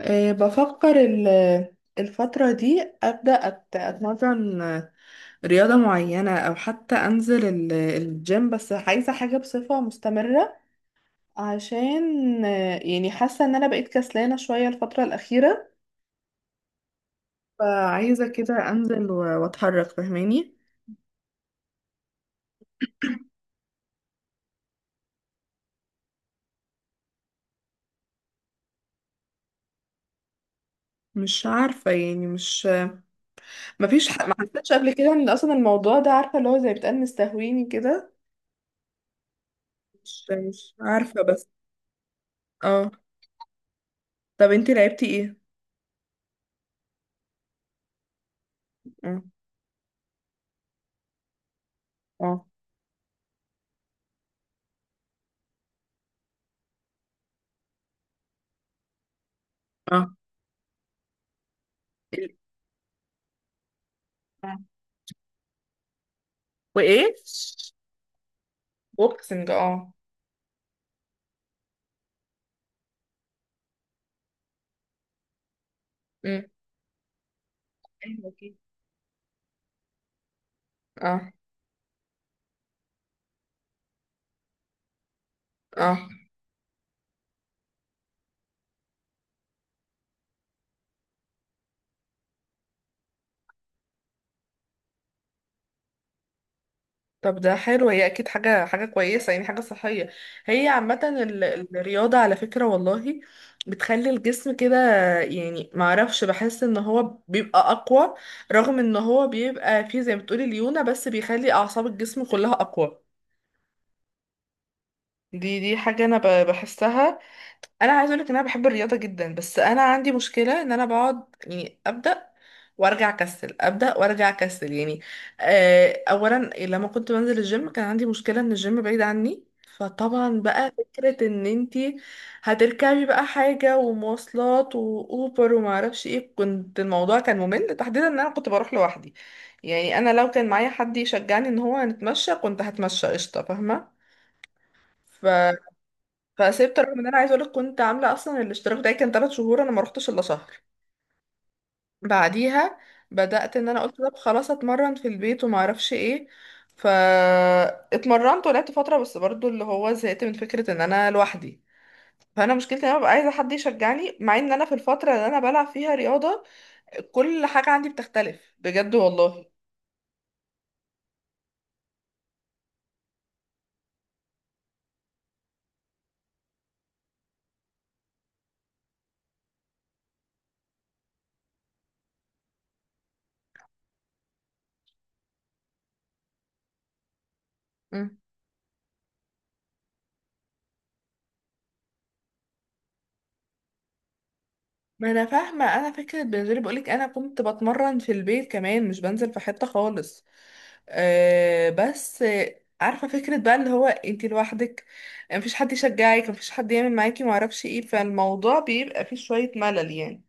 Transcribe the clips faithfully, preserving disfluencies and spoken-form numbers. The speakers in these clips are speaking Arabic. آه، بفكر ال- الفترة دي أبدأ أت- أتمرن آه، رياضة معينة، أو حتى أنزل ال- الجيم. بس عايزة حاجة بصفة مستمرة عشان آه، يعني حاسة إن أنا بقيت كسلانة شوية الفترة الأخيرة. فعايزة كده أنزل و- وأتحرك، فاهماني؟ مش عارفة يعني مش مفيش ح- ما حسيتش قبل كده إن أصلا الموضوع ده، عارفة، اللي هو زي بتقال مستهويني كده. مش مش عارفة بس. اه. طب انتي لعبتي ايه؟ اه. اه. اه. آه. وايه. بوكسنج، اه. امم. ايوه، اوكي. اه. اه. طب ده حلو، هي اكيد حاجه حاجه كويسه، يعني حاجه صحيه. هي عامه ال- الرياضه على فكره والله، بتخلي الجسم كده. يعني ما اعرفش، بحس ان هو بيبقى اقوى، رغم ان هو بيبقى فيه زي ما بتقولي ليونه، بس بيخلي اعصاب الجسم كلها اقوى. دي دي حاجه انا ب- بحسها. انا عايز اقول لك ان انا بحب الرياضه جدا، بس انا عندي مشكله ان انا بقعد يعني ابدا وارجع اكسل، ابدا وارجع اكسل يعني. آه، اولا لما كنت بنزل الجيم، كان عندي مشكله ان الجيم بعيد عني. فطبعا بقى فكره ان انتي هتركبي بقى حاجه ومواصلات واوبر وما اعرفش ايه، كنت الموضوع كان ممل تحديدا ان انا كنت بروح لوحدي. يعني انا لو كان معايا حد يشجعني ان هو نتمشى، كنت هتمشى قشطه، فاهمه. فسبت، رغم ان انا عايزه اقولك كنت عامله اصلا الاشتراك، ده كان تلات شهور انا ما روحتش الا شهر. بعديها بدات ان انا قلت طب خلاص اتمرن في البيت وما اعرفش ايه. فا اتمرنت ولعبت فتره، بس برضو اللي هو زهقت من فكره ان انا لوحدي. فانا مشكلتي ان انا ببقى عايزه حد يشجعني، مع ان انا في الفتره اللي انا بلعب فيها رياضه، كل حاجه عندي بتختلف بجد والله. مم. ما انا فاهمه، انا فكره بالنسبه لي بقولك انا كنت بتمرن في البيت كمان، مش بنزل في حته خالص. آه بس آه، عارفة، فكرة بقى اللي هو انتي لوحدك، آه، مفيش حد يشجعك، مفيش حد يعمل معاكي، معرفش ايه، فالموضوع بيبقى فيه شوية ملل يعني.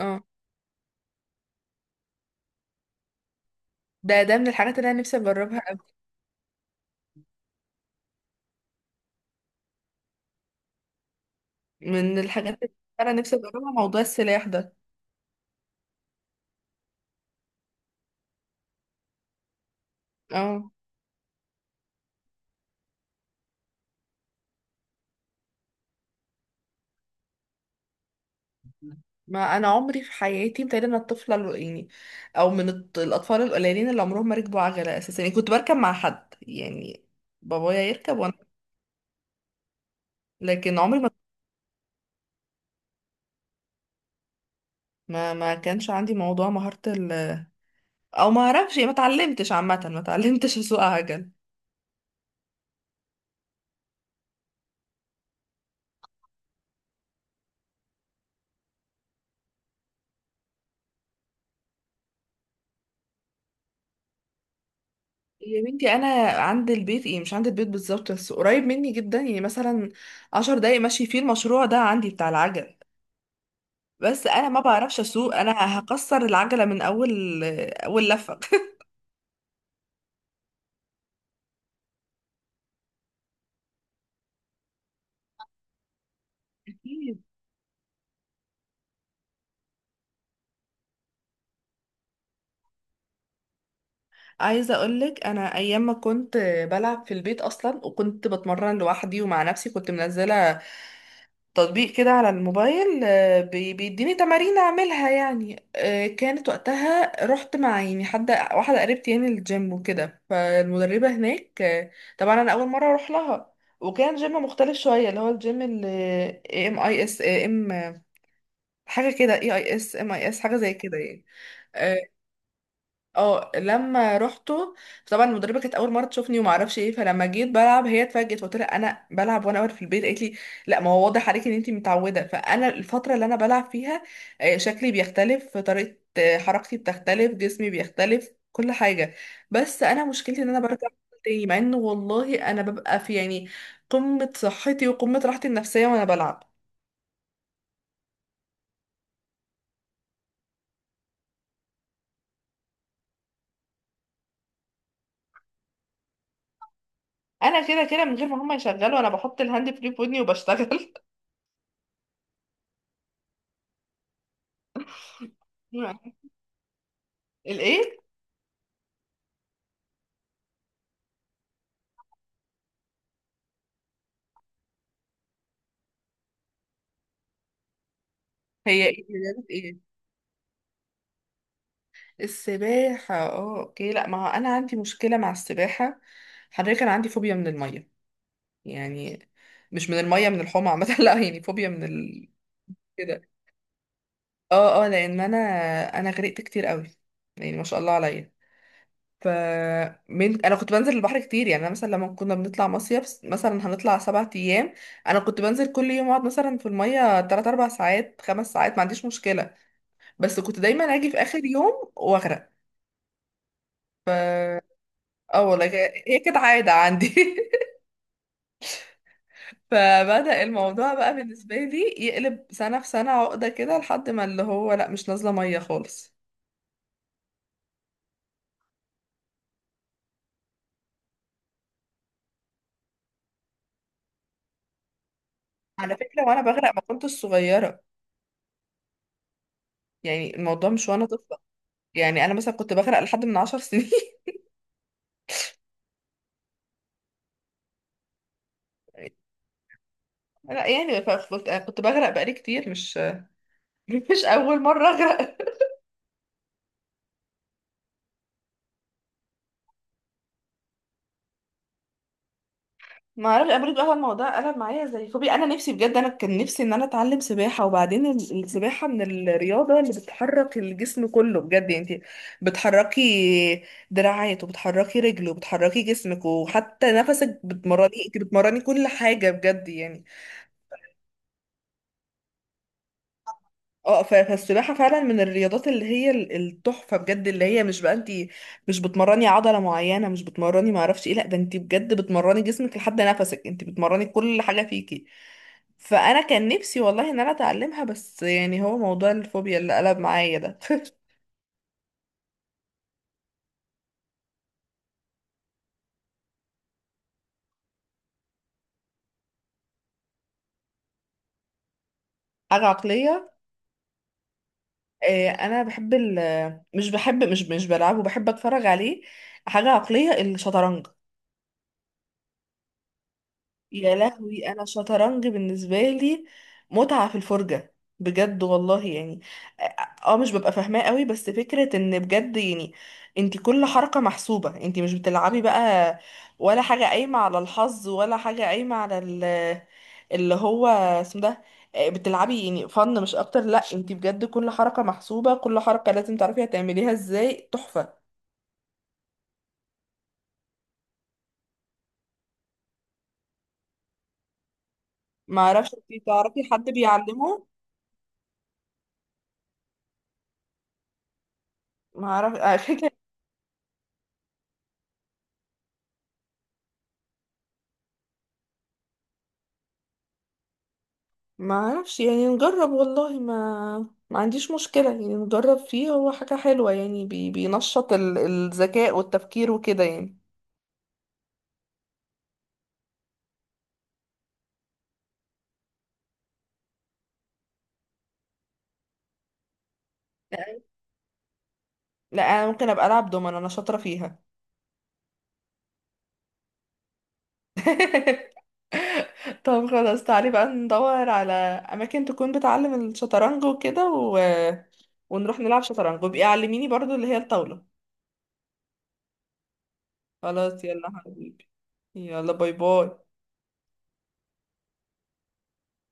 اه، ده ده من الحاجات اللي انا نفسي اجربها أوي. من الحاجات اللي انا نفسي اجربها موضوع السلاح ده. اه. ما انا عمري في حياتي، متهيألي انا الطفله ال- يعني، او من الط- الاطفال القليلين اللي عمرهم ما ركبوا عجله اساسا، يعني كنت بركب مع حد يعني، بابايا يركب وانا. لكن عمري ما، ما, ما كانش عندي موضوع مهاره، او ما اعرفش، ما اتعلمتش عامه، ما اتعلمتش اسوق عجل. يا بنتي، انا عند البيت ايه، مش عند البيت بالظبط، بس قريب مني جدا، يعني مثلا عشر دقايق ماشي، فيه المشروع ده عندي بتاع العجل. بس انا ما بعرفش اسوق، انا هكسر العجله من اول اول لفه أكيد. عايزه اقولك، انا ايام ما كنت بلعب في البيت اصلا، وكنت بتمرن لوحدي ومع نفسي، كنت منزله تطبيق كده على الموبايل، آه، بي- بيديني تمارين اعملها يعني. آه، كانت وقتها رحت مع يعني حد، واحده قريبتي يعني، الجيم وكده، فالمدربه هناك. آه، طبعا انا اول مره اروح لها، وكان جيم مختلف شويه، اللي هو الجيم اللي ام اي اس ام، حاجه كده، اي اي اس ام اي اس، حاجه زي كده يعني. آه، اه لما روحته، طبعا المدربه كانت اول مره تشوفني وما اعرفش ايه، فلما جيت بلعب هي اتفاجئت. فقلت لها انا بلعب وانا واقفه في البيت، قالت لي لا، ما هو واضح عليكي ان انت متعوده. فانا الفتره اللي انا بلعب فيها آه، شكلي بيختلف، طريقه آه، حركتي بتختلف، جسمي بيختلف، كل حاجه. بس انا مشكلتي ان انا برجع تاني، مع انه والله انا ببقى في يعني قمه صحتي وقمه راحتي النفسيه وانا بلعب. انا كده كده من غير ما هم يشغلوا، انا بحط الهاند فري في ودني وبشتغل. الايه؟ هي ايه، رياضة ايه؟ السباحة، اه، اوكي. لا ما هو انا عندي مشكلة مع السباحة. حضرتك انا عندي فوبيا من المية، يعني مش من المية، من الحمى عامة لا يعني فوبيا من ال... كده اه. اه، لان انا انا غرقت كتير قوي، يعني ما شاء الله عليا. ف من انا كنت بنزل البحر كتير، يعني انا مثلا لما كنا بنطلع مصيف س- مثلا هنطلع سبعة ايام، انا كنت بنزل كل يوم، اقعد مثلا في المية تلات اربع ساعات، خمس ساعات، ما عنديش مشكلة. بس كنت دايما اجي في اخر يوم واغرق. ف اه والله، كا- هي كانت عادة عندي فبدأ الموضوع بقى بالنسبة لي يقلب سنة في سنة عقدة كده، لحد ما اللي هو لا، مش نازلة مية خالص. على فكرة وانا بغرق ما كنتش صغيرة، يعني الموضوع مش وانا طفلة. يعني انا مثلا كنت بغرق لحد من عشر سنين لا يعني ف- كنت كنت بغرق بقالي كتير، مش مش اول مرة اغرق. ما اعرفش، انا برضه بقى الموضوع قلب معايا زي فوبيا، انا نفسي بجد، انا كان نفسي ان انا اتعلم سباحه. وبعدين ال- السباحه من الرياضه اللي بتحرك الجسم كله بجد، يعني انت بتحركي دراعات وبتحركي رجل وبتحركي جسمك، وحتى نفسك بتمرني، انت بتمرني كل حاجه بجد يعني. اه، ف- فالسباحه فعلا من الرياضات اللي هي ال- التحفه بجد، اللي هي مش بقى، انت مش بتمرني عضله معينه، مش بتمرني ما اعرفش ايه، لا، ده انت بجد بتمرني جسمك لحد نفسك، انت بتمرني كل حاجه فيكي. فانا كان نفسي والله ان انا اتعلمها، بس يعني هو موضوع الفوبيا اللي قلب معايا ده. حاجه عقليه. آه، انا بحب ال مش بحب مش مش بلعبه، بحب اتفرج عليه. حاجه عقليه، الشطرنج. يا لهوي، انا شطرنج بالنسبه لي متعه في الفرجه بجد والله يعني. اه. آه، مش ببقى فاهماه قوي، بس فكره ان بجد يعني انت كل حركه محسوبه، انت مش بتلعبي بقى ولا حاجه قايمه على الحظ، ولا حاجه قايمه على ال- اللي هو اسمه ده، آه، بتلعبي يعني فن مش اكتر. لا، انت بجد كل حركه محسوبه، كل حركه لازم تعرفي هتعمليها ازاي، تحفه. ما اعرفش، انت تعرفي حد بيعلمه؟ ما اعرف ما اعرفش يعني، نجرب والله، ما ما عنديش مشكلة، يعني نجرب فيه، هو حاجة حلوة، يعني بي... بينشط ال... الذكاء والتفكير وكده يعني. لا انا ممكن ابقى العب دومنة، انا شاطرة فيها. طب خلاص، تعالي بقى ندور على اماكن تكون بتعلم الشطرنج وكده و... ونروح نلعب شطرنج، وبقي علميني برضو اللي هي الطاولة. خلاص يلا حبيبي. يلا باي باي.